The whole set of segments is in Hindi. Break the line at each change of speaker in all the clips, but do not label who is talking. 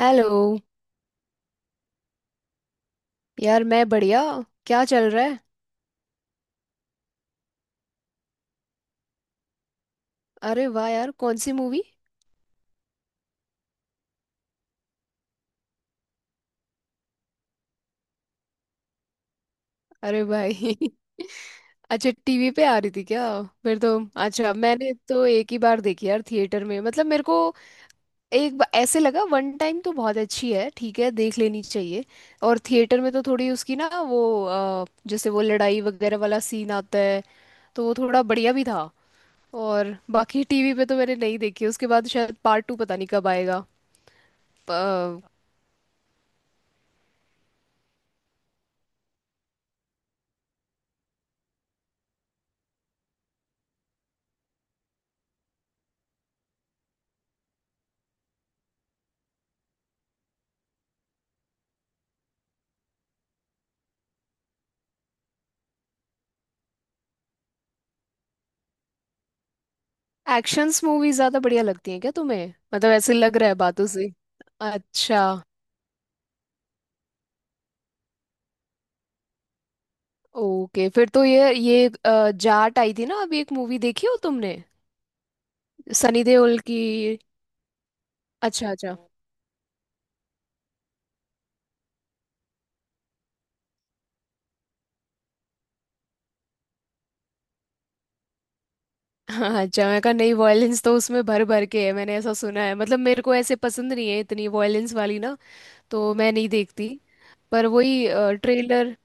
हेलो। यार मैं बढ़िया। क्या चल रहा है। अरे वाह यार, कौन सी मूवी। अरे भाई अच्छा, टीवी पे आ रही थी क्या? फिर तो। अच्छा, मैंने तो एक ही बार देखी यार, थिएटर में। मतलब मेरे को ऐसे लगा वन टाइम तो बहुत अच्छी है, ठीक है, देख लेनी चाहिए। और थिएटर में तो थोड़ी उसकी ना वो जैसे वो लड़ाई वगैरह वाला सीन आता है, तो वो थोड़ा बढ़िया भी था। और बाकी टीवी पे तो मैंने नहीं देखी उसके बाद। शायद पार्ट टू पता नहीं कब आएगा। एक्शंस मूवी ज्यादा बढ़िया लगती है क्या तुम्हें? मतलब ऐसे लग रहा है बातों से। अच्छा। ओके, फिर तो ये जाट आई थी ना अभी, एक मूवी, देखी हो तुमने? सनी देओल की। अच्छा अच्छा। हाँ, अच्छा मैं कहा, नहीं वॉयलेंस तो उसमें भर भर के है, मैंने ऐसा सुना है। मतलब मेरे को ऐसे पसंद नहीं है इतनी वॉयलेंस वाली ना, तो मैं नहीं देखती। पर वही ट्रेलर।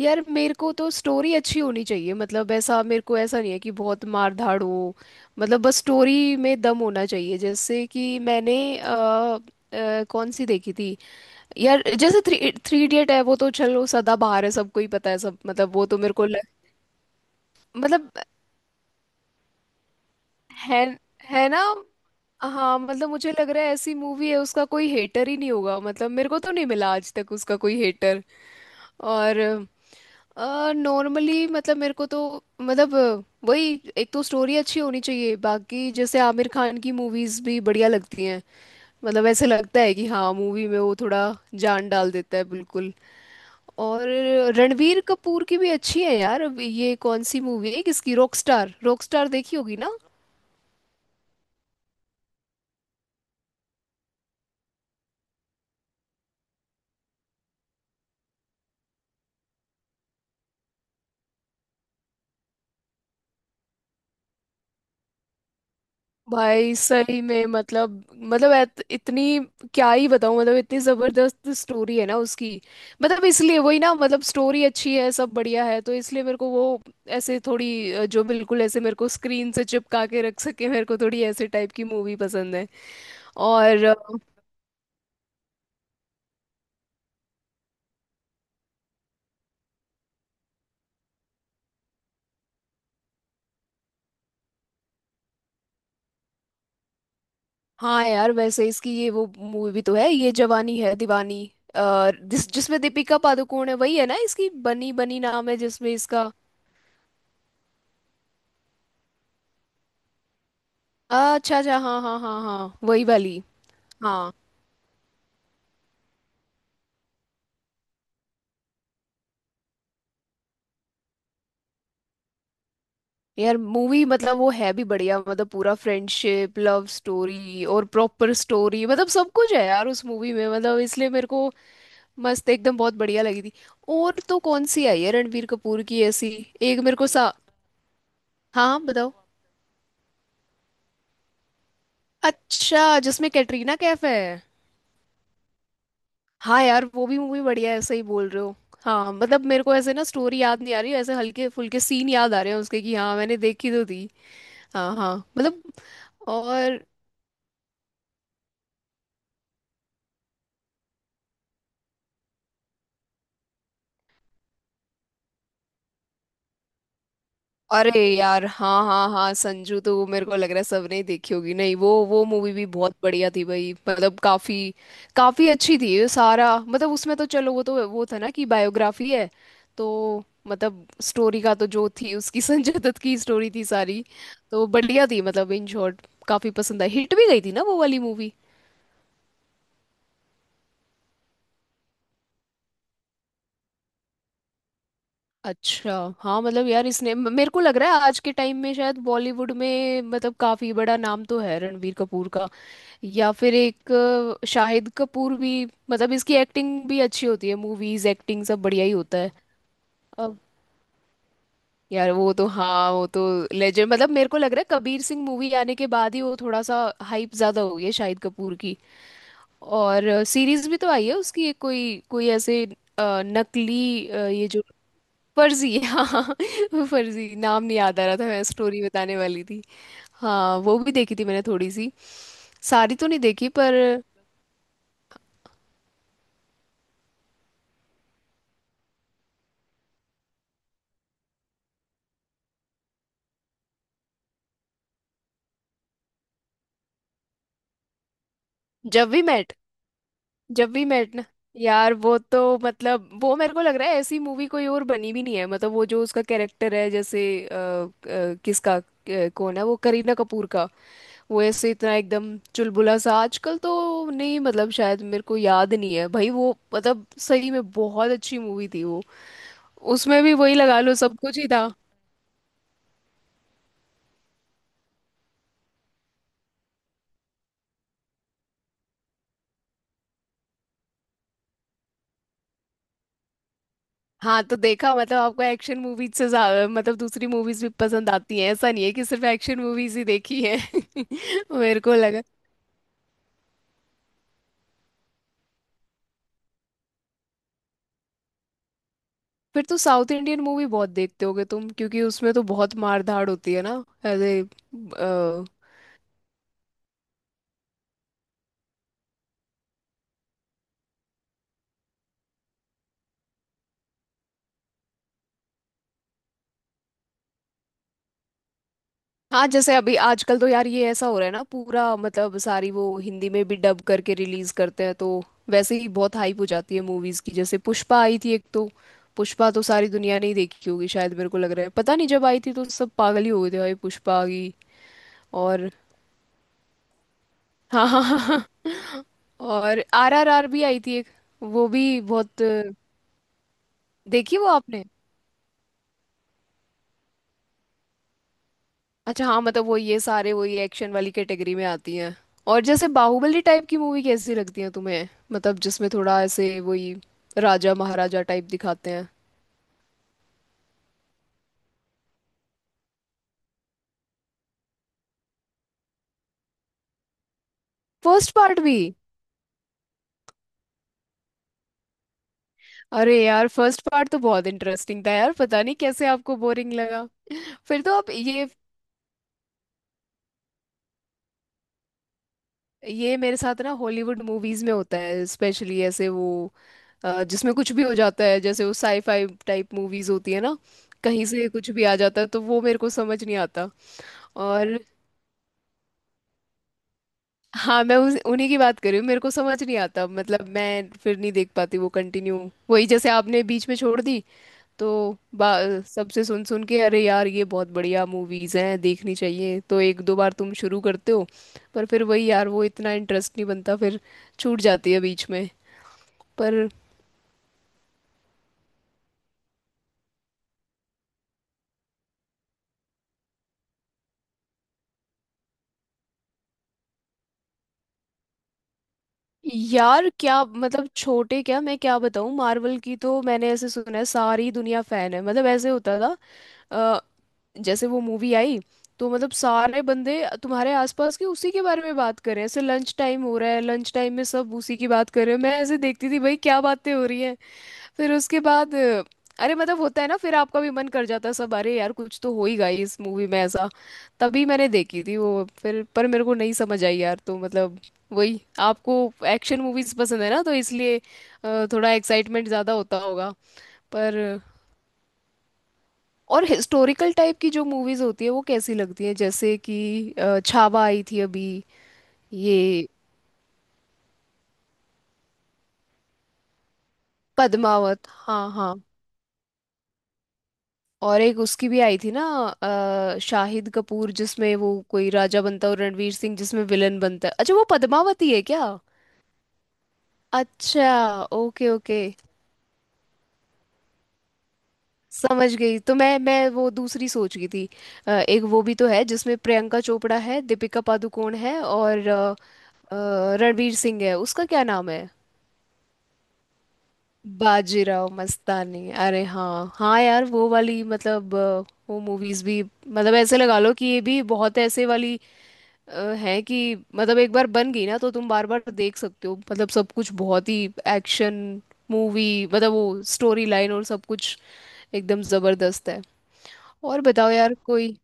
यार मेरे को तो स्टोरी अच्छी होनी चाहिए। मतलब ऐसा मेरे को, ऐसा नहीं है कि बहुत मार धाड़ हो। मतलब बस स्टोरी में दम होना चाहिए। जैसे कि मैंने कौन सी देखी थी यार, जैसे थ्री थ्री इडियट है, वो तो चलो सदाबहार है, सबको ही पता है सब। मतलब वो तो मेरे को लग, मतलब है। है ना? हाँ मतलब मुझे लग रहा है ऐसी मूवी है, उसका कोई हेटर ही नहीं होगा। मतलब मेरे को तो नहीं मिला आज तक उसका कोई हेटर। और नॉर्मली मतलब मेरे को तो, मतलब वही एक तो स्टोरी अच्छी होनी चाहिए। बाकी जैसे आमिर खान की मूवीज भी बढ़िया लगती हैं। मतलब ऐसे लगता है कि हाँ, मूवी में वो थोड़ा जान डाल देता है बिल्कुल। और रणवीर कपूर की भी अच्छी है यार। अब ये कौन सी मूवी है किसकी, रॉकस्टार? रॉकस्टार देखी होगी ना? भाई सही में मतलब, मतलब ऐत- इतनी, क्या ही बताऊं मतलब इतनी जबरदस्त स्टोरी है ना उसकी। मतलब इसलिए वही ना, मतलब स्टोरी अच्छी है, सब बढ़िया है, तो इसलिए मेरे को वो, ऐसे थोड़ी जो बिल्कुल ऐसे मेरे को स्क्रीन से चिपका के रख सके, मेरे को थोड़ी ऐसे टाइप की मूवी पसंद है। और हाँ यार, वैसे इसकी ये वो मूवी भी तो है, ये जवानी है दीवानी, जिसमें दीपिका पादुकोण है, वही है ना इसकी, बनी बनी नाम है जिसमें इसका। अच्छा अच्छा, हाँ हाँ हाँ हाँ, वही वाली। हाँ यार, मूवी मतलब वो है भी बढ़िया। मतलब पूरा फ्रेंडशिप, लव स्टोरी, और प्रॉपर स्टोरी, मतलब सब कुछ है यार उस मूवी में। मतलब इसलिए मेरे को मस्त एकदम बहुत बढ़िया लगी थी। और तो कौन सी आई है रणबीर कपूर की ऐसी? एक मेरे को सा, हाँ हाँ, बताओ। अच्छा, जिसमें कैटरीना कैफ है। हाँ यार, वो भी मूवी बढ़िया है, सही बोल रहे हो। हाँ मतलब मेरे को ऐसे ना स्टोरी याद नहीं आ रही, ऐसे हल्के फुल्के सीन याद आ रहे हैं उसके कि हाँ मैंने देखी तो थी। हाँ हाँ मतलब। और अरे यार, हाँ हाँ हाँ, संजू तो वो मेरे को लग रहा है सबने ही देखी होगी। नहीं वो, वो मूवी भी बहुत बढ़िया थी भाई, मतलब काफी काफी अच्छी थी। ये सारा मतलब उसमें तो चलो, वो तो वो था ना कि बायोग्राफी है, तो मतलब स्टोरी का तो जो थी उसकी संजय दत्त की स्टोरी थी सारी। तो बढ़िया थी। मतलब इन शॉर्ट काफी पसंद आई, हिट भी गई थी ना वो वाली मूवी। अच्छा। हाँ मतलब यार इसने मेरे को लग रहा है आज के टाइम में शायद बॉलीवुड में मतलब काफी बड़ा नाम तो है रणबीर कपूर का। या फिर एक शाहिद कपूर भी, मतलब इसकी एक्टिंग भी अच्छी होती है, मूवीज, एक्टिंग, सब बढ़िया ही होता है। अब यार वो तो, हाँ वो तो लेजेंड। मतलब मेरे को लग रहा है कबीर सिंह मूवी आने के बाद ही वो थोड़ा सा हाइप ज्यादा हो गई है शाहिद कपूर की। और सीरीज भी तो आई है उसकी एक, कोई कोई ऐसे नकली ये जो, फर्जी हाँ फर्जी, नाम नहीं याद आ रहा था, मैं स्टोरी बताने वाली थी। हाँ वो भी देखी थी मैंने थोड़ी सी, सारी तो नहीं देखी पर। जब वी मेट। जब वी मेट ना। यार वो तो मतलब वो मेरे को लग रहा है ऐसी मूवी कोई और बनी भी नहीं है। मतलब वो जो उसका कैरेक्टर है जैसे किसका कौन है वो, करीना कपूर का, वो ऐसे इतना एकदम चुलबुला सा, आजकल तो नहीं मतलब शायद मेरे को याद नहीं है भाई, वो मतलब सही में बहुत अच्छी मूवी थी वो। उसमें भी वही लगा लो, सब कुछ ही था। हाँ तो देखा, मतलब आपको एक्शन मूवीज से ज्यादा मतलब दूसरी मूवीज भी पसंद आती हैं, ऐसा नहीं है कि सिर्फ एक्शन मूवीज ही देखी है मेरे को लगा। फिर तो साउथ इंडियन मूवी बहुत देखते होगे तुम, क्योंकि उसमें तो बहुत मार धाड़ होती है ना, एज ए। हाँ जैसे अभी आजकल तो यार ये ऐसा हो रहा है ना, पूरा मतलब सारी वो हिंदी में भी डब करके रिलीज करते हैं, तो वैसे ही बहुत हाइप हो जाती है मूवीज की। जैसे पुष्पा आई थी एक तो, पुष्पा तो सारी दुनिया ने ही देखी होगी शायद, मेरे को लग रहा है। पता नहीं जब आई थी तो सब पागल ही हो गए थे भाई पुष्पा की। और हाँ हाँ। और आर आर आर भी आई थी एक, वो भी बहुत। देखी वो आपने? अच्छा, हाँ मतलब वो, ये सारे वही एक्शन वाली कैटेगरी में आती हैं। और जैसे बाहुबली टाइप की मूवी कैसी लगती है तुम्हें? मतलब जिसमें थोड़ा ऐसे वही राजा महाराजा टाइप दिखाते हैं। फर्स्ट पार्ट भी? अरे यार फर्स्ट पार्ट तो बहुत इंटरेस्टिंग था यार, पता नहीं कैसे आपको बोरिंग लगा। फिर तो आप ये मेरे साथ ना हॉलीवुड मूवीज में होता है, स्पेशली ऐसे वो जिसमें कुछ भी हो जाता है, जैसे वो साईफाई टाइप मूवीज होती है ना, कहीं से कुछ भी आ जाता है तो वो मेरे को समझ नहीं आता। और हाँ मैं उस उन्हीं की बात कर रही हूँ, मेरे को समझ नहीं आता। मतलब मैं फिर नहीं देख पाती वो कंटिन्यू, वही जैसे आपने बीच में छोड़ दी। तो सबसे सुन सुन के अरे यार ये बहुत बढ़िया मूवीज हैं देखनी चाहिए, तो एक दो बार तुम शुरू करते हो, पर फिर वही यार वो इतना इंटरेस्ट नहीं बनता, फिर छूट जाती है बीच में। पर यार क्या मतलब छोटे, क्या मैं क्या बताऊँ, मार्वल की तो मैंने ऐसे सुना है सारी दुनिया फैन है, मतलब ऐसे होता था। जैसे वो मूवी आई, तो मतलब सारे बंदे तुम्हारे आसपास के उसी के बारे में बात कर रहे हैं, ऐसे लंच टाइम हो रहा है, लंच टाइम में सब उसी की बात कर रहे हैं, मैं ऐसे देखती थी भाई क्या बातें हो रही हैं। फिर उसके बाद अरे मतलब होता है ना, फिर आपका भी मन कर जाता है, सब अरे यार कुछ तो हो ही गई इस मूवी में ऐसा। तभी मैंने देखी थी वो फिर, पर मेरे को नहीं समझ आई यार। तो मतलब वही, आपको एक्शन मूवीज पसंद है ना, तो इसलिए थोड़ा एक्साइटमेंट ज्यादा होता होगा। पर और हिस्टोरिकल टाइप की जो मूवीज होती है वो कैसी लगती है, जैसे कि छावा आई थी अभी। ये पद्मावत हाँ हाँ। और एक उसकी भी आई थी ना शाहिद कपूर, जिसमें वो कोई राजा बनता है और रणवीर सिंह जिसमें विलन बनता है, अच्छा वो पद्मावती है क्या? अच्छा, ओके ओके, समझ गई। तो मैं वो दूसरी सोच गई थी। एक वो भी तो है जिसमें प्रियंका चोपड़ा है, दीपिका पादुकोण है और रणवीर सिंह है, उसका क्या नाम है? बाजीराव मस्तानी, अरे हाँ हाँ यार वो वाली, मतलब वो मूवीज भी मतलब ऐसे लगा लो कि ये भी बहुत ऐसे वाली है कि मतलब एक बार बन गई ना तो तुम बार बार देख सकते हो। मतलब सब कुछ बहुत ही एक्शन मूवी, मतलब वो स्टोरी लाइन और सब कुछ एकदम जबरदस्त है। और बताओ यार कोई,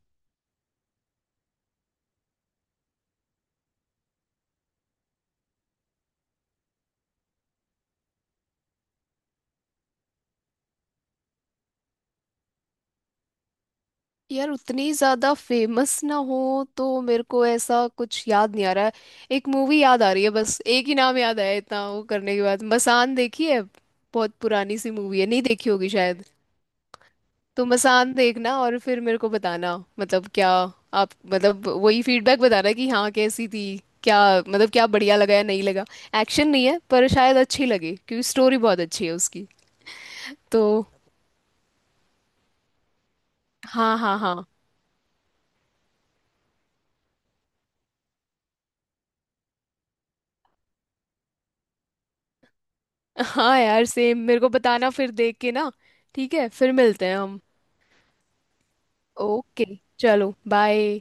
यार उतनी ज्यादा फेमस ना हो तो मेरे को ऐसा कुछ याद नहीं आ रहा है। एक मूवी याद आ रही है, बस एक ही नाम याद आया इतना वो करने के बाद, मसान देखी है? बहुत पुरानी सी मूवी है, नहीं देखी होगी शायद। तो मसान देखना और फिर मेरे को बताना, मतलब क्या, आप मतलब वही फीडबैक बताना कि हाँ कैसी थी, क्या, मतलब क्या बढ़िया लगा या नहीं लगा। एक्शन नहीं है पर शायद अच्छी लगे, क्योंकि स्टोरी बहुत अच्छी है उसकी। तो हाँ हाँ हाँ। हाँ यार सेम, मेरे को बताना फिर देख के ना। ठीक है फिर मिलते हैं हम। ओके, चलो बाय।